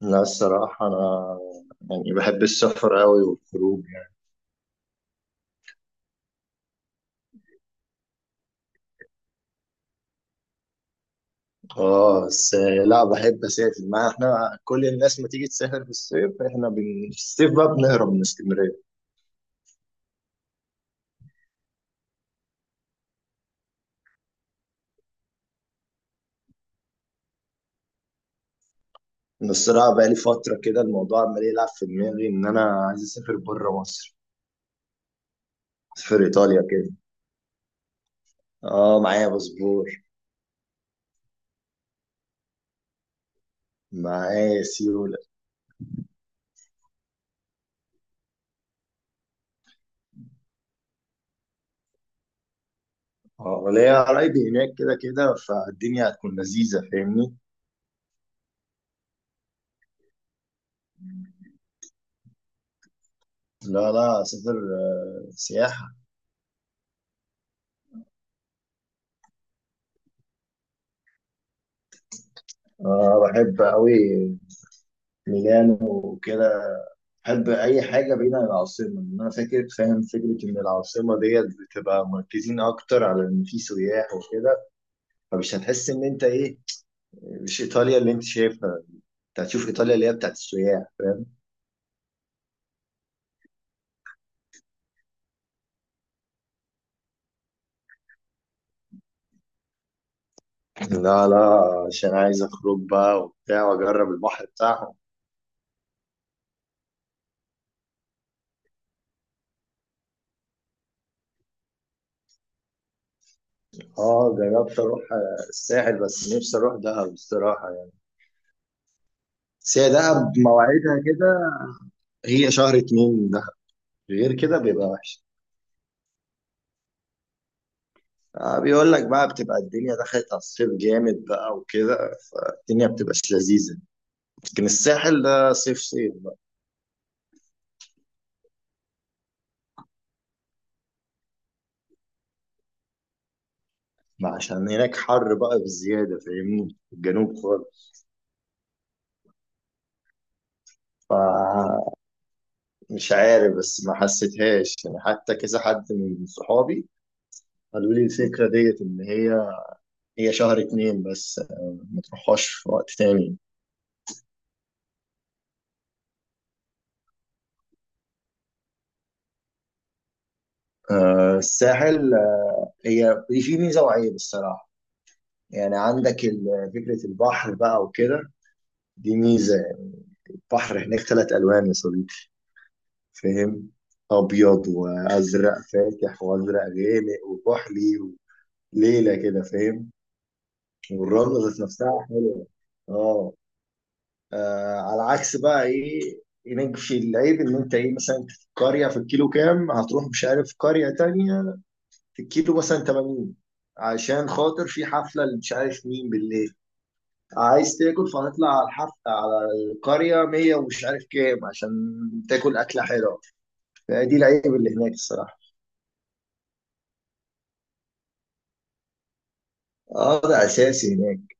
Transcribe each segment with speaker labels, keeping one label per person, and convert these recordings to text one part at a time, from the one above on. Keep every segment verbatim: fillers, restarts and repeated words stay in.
Speaker 1: لا، الصراحة أنا يعني بحب السفر أوي والخروج يعني. آه، بس لا، بحب أسافر. ما إحنا كل الناس ما تيجي تسافر في الصيف، إحنا بن... في الصيف بقى بنهرب من اسكندرية. أنا الصراحة بقالي فترة كده الموضوع عمال يلعب في دماغي إن أنا عايز أسافر بره مصر. أسافر إيطاليا كده. آه، معايا باسبور. معايا سيولة. آه، وليا قرايبي هناك كده كده، فالدنيا هتكون لذيذة، فاهمني. لا لا، أسافر. آه، سياحة. آه، بحب أوي ميلانو وكده. بحب اي حاجه بعيده عن العاصمه، ان انا فاكر فاهم فكره ان العاصمه ديت بتبقى مركزين اكتر على ان في سياح وكده. فمش هتحس ان انت ايه، مش ايطاليا اللي انت شايفها. انت هتشوف ايطاليا اللي هي بتاعت السياح، فاهم. لا لا، عشان عايز اخرج بقى وبتاع واجرب البحر بتاعهم. اه، جربت اروح الساحل، بس نفسي اروح دهب الصراحه يعني. بس هي دهب مواعيدها كده، هي شهر اتنين دهب، غير كده بيبقى وحش. آه، بيقول لك بقى بتبقى الدنيا دخلت على الصيف جامد بقى وكده، الدنيا بتبقاش لذيذة. لكن الساحل ده صيف صيف بقى. ما عشان هناك حر بقى بزيادة فاهمني، في الجنوب خالص. فمش عارف، بس ما حسيتهاش يعني، حتى كذا حد من صحابي قالوا لي الفكرة ديت إن هي هي شهر اتنين بس، آه، ما تروحهاش في وقت تاني. آه، الساحل، آه، هي في ميزة وعيب الصراحة. يعني عندك ال- فكرة البحر بقى وكده، دي ميزة. بحر هناك ثلاث ألوان يا صديقي، فاهم، ابيض وازرق فاتح وازرق غامق وكحلي، وليله كده، فاهم. والرمله ذات نفسها حلوه. اه، آه، على عكس بقى ايه، هناك في العيب ان انت ايه، مثلا في القريه في الكيلو كام هتروح، مش عارف، قريه تانية في الكيلو مثلا تمانين، عشان خاطر في حفله اللي مش عارف مين بالليل، عايز تاكل، فهتطلع على الحفله على القريه مية ومش عارف كام، عشان تاكل اكله حلوه. دي العيب اللي هناك الصراحة. اه ده اساسي هناك.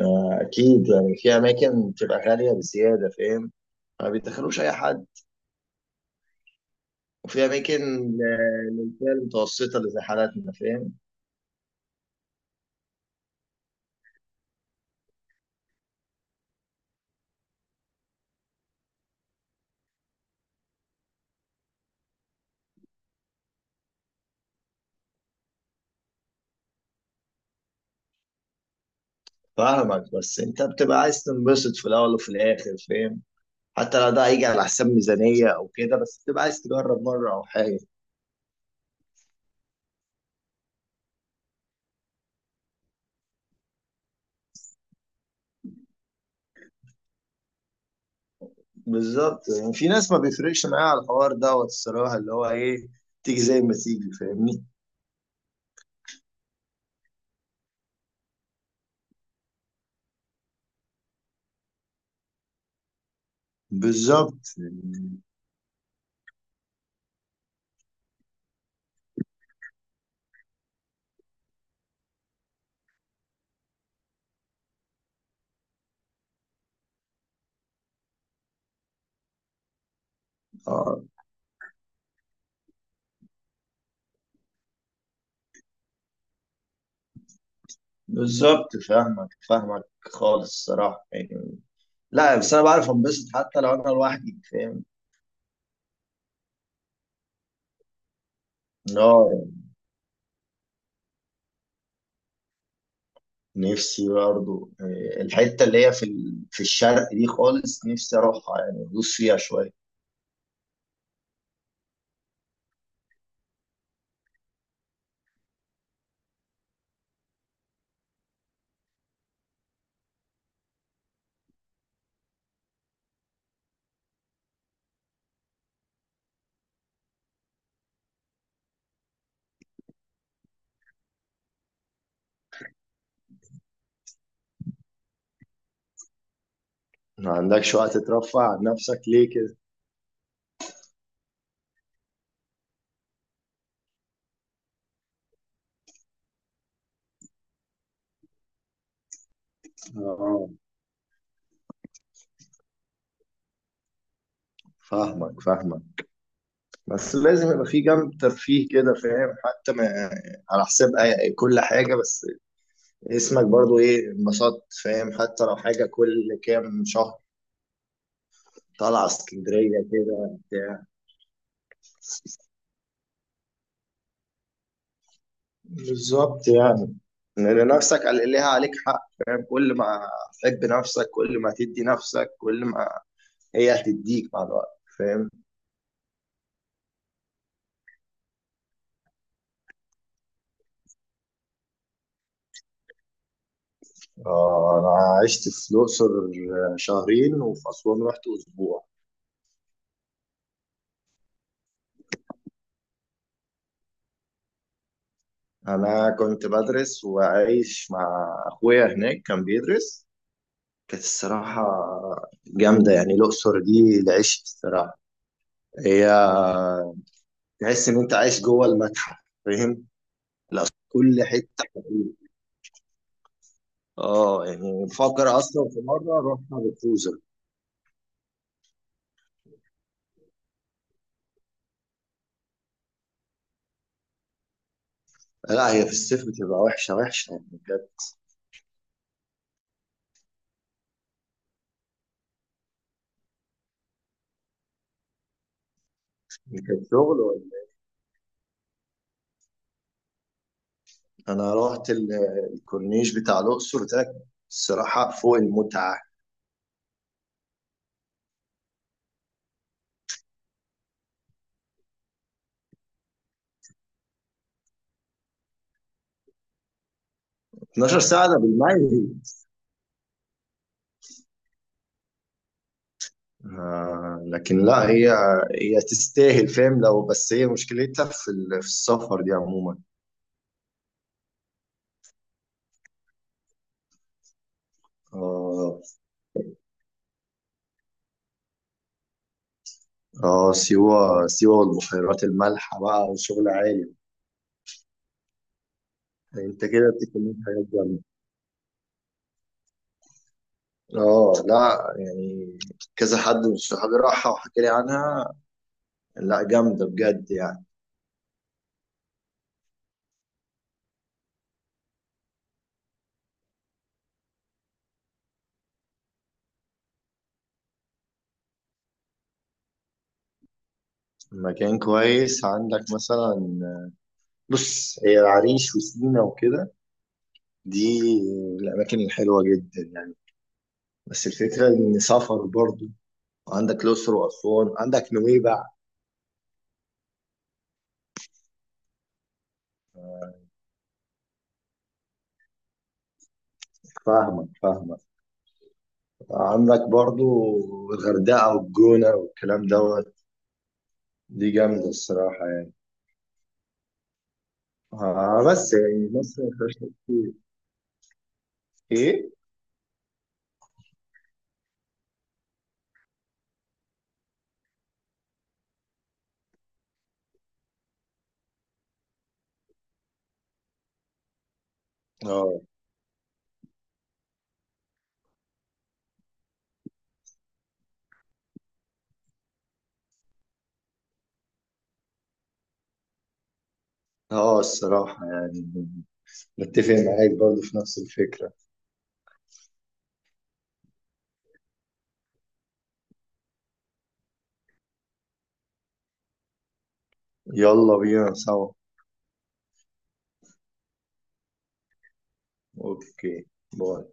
Speaker 1: آه، اكيد يعني في اماكن بتبقى غاليه بزياده، فاهم، ما بيدخلوش اي حد. وفي اماكن، آه، للفئه المتوسطه اللي زي حالاتنا، فاهم. فاهمك، بس انت بتبقى عايز تنبسط في الاول وفي الاخر، فاهم. حتى لو ده هيجي على حساب ميزانيه او كده، بس بتبقى عايز تجرب مره او حاجه. بالظبط، يعني في ناس ما بيفرقش معاها على الحوار دوت الصراحه، اللي هو ايه، تيجي زي ما تيجي، فاهمني. بالظبط. آه. بالظبط، فاهمك فاهمك خالص الصراحة يعني. لا، بس أنا بعرف أنبسط حتى لو أنا لوحدي، فاهم. إن هو نفسي برضه، آه، الحتة اللي هي في ال- في الشرق دي خالص نفسي أروحها، يعني أدوس فيها شوية. ما عندكش وقت ترفع عن نفسك ليه كده؟ اه، فاهمك فاهمك. بس لازم يبقى في جنب ترفيه كده، فاهم، حتى ما على حساب أي- كل حاجة، بس اسمك برضو ايه انبسطت، فاهم، حتى لو حاجة كل كام شهر، طالعه اسكندريه كده بتاع. بالظبط يعني. لأن نفسك على- ليها عليك حق، فاهم، كل ما تحب نفسك كل ما تدي نفسك كل ما هي هتديك مع الوقت، فاهم. آه، أنا عشت في الأقصر شهرين وفي أسوان رحت أسبوع. انا كنت بدرس وعايش مع اخويا هناك، كان بيدرس. كانت الصراحه جامده يعني. الاقصر دي العشق الصراحه، هي تحس ان انت عايش جوه المتحف، فاهم. لا، كل حته حقيقي. اه، يعني بفكر اصلا في مره رحنا بالكوزه. لا، هي في الصيف بتبقى وحشه وحشه يعني، كانت. كانت شغل ولا إيه؟ انا رحت ال- الكورنيش بتاع الاقصر ده الصراحه فوق المتعه. اتناشر ساعه ده بالميت. آه، لكن لا، هي هي تستاهل، فاهم. لو بس هي مشكلتها في ال- في السفر دي عموما. اه. اه سيوه سيوه والبحيرات المالحه بقى وشغل عالي. انت كده بتتكلم في حاجات. اه، لا يعني كذا حد من صحابي راحها وحكى لي عنها، لا جامدة بجد يعني. مكان كويس عندك مثلا؟ بص هي العريش وسينا وكده، دي الأماكن الحلوة جدا يعني. بس الفكرة إن سفر برضو. عندك الأقصر وأسوان، عندك نويبع. فاهمك فاهمك. عندك برضو الغردقة والجونة والكلام دوت، دي جامدة الصراحة يعني. آه، بس يعني مصر ما فيهاش كتير إيه؟ اه. اه الصراحة يعني متفق معاك برضه في نفس الفكرة. يلا بينا سوا. اوكي. باي.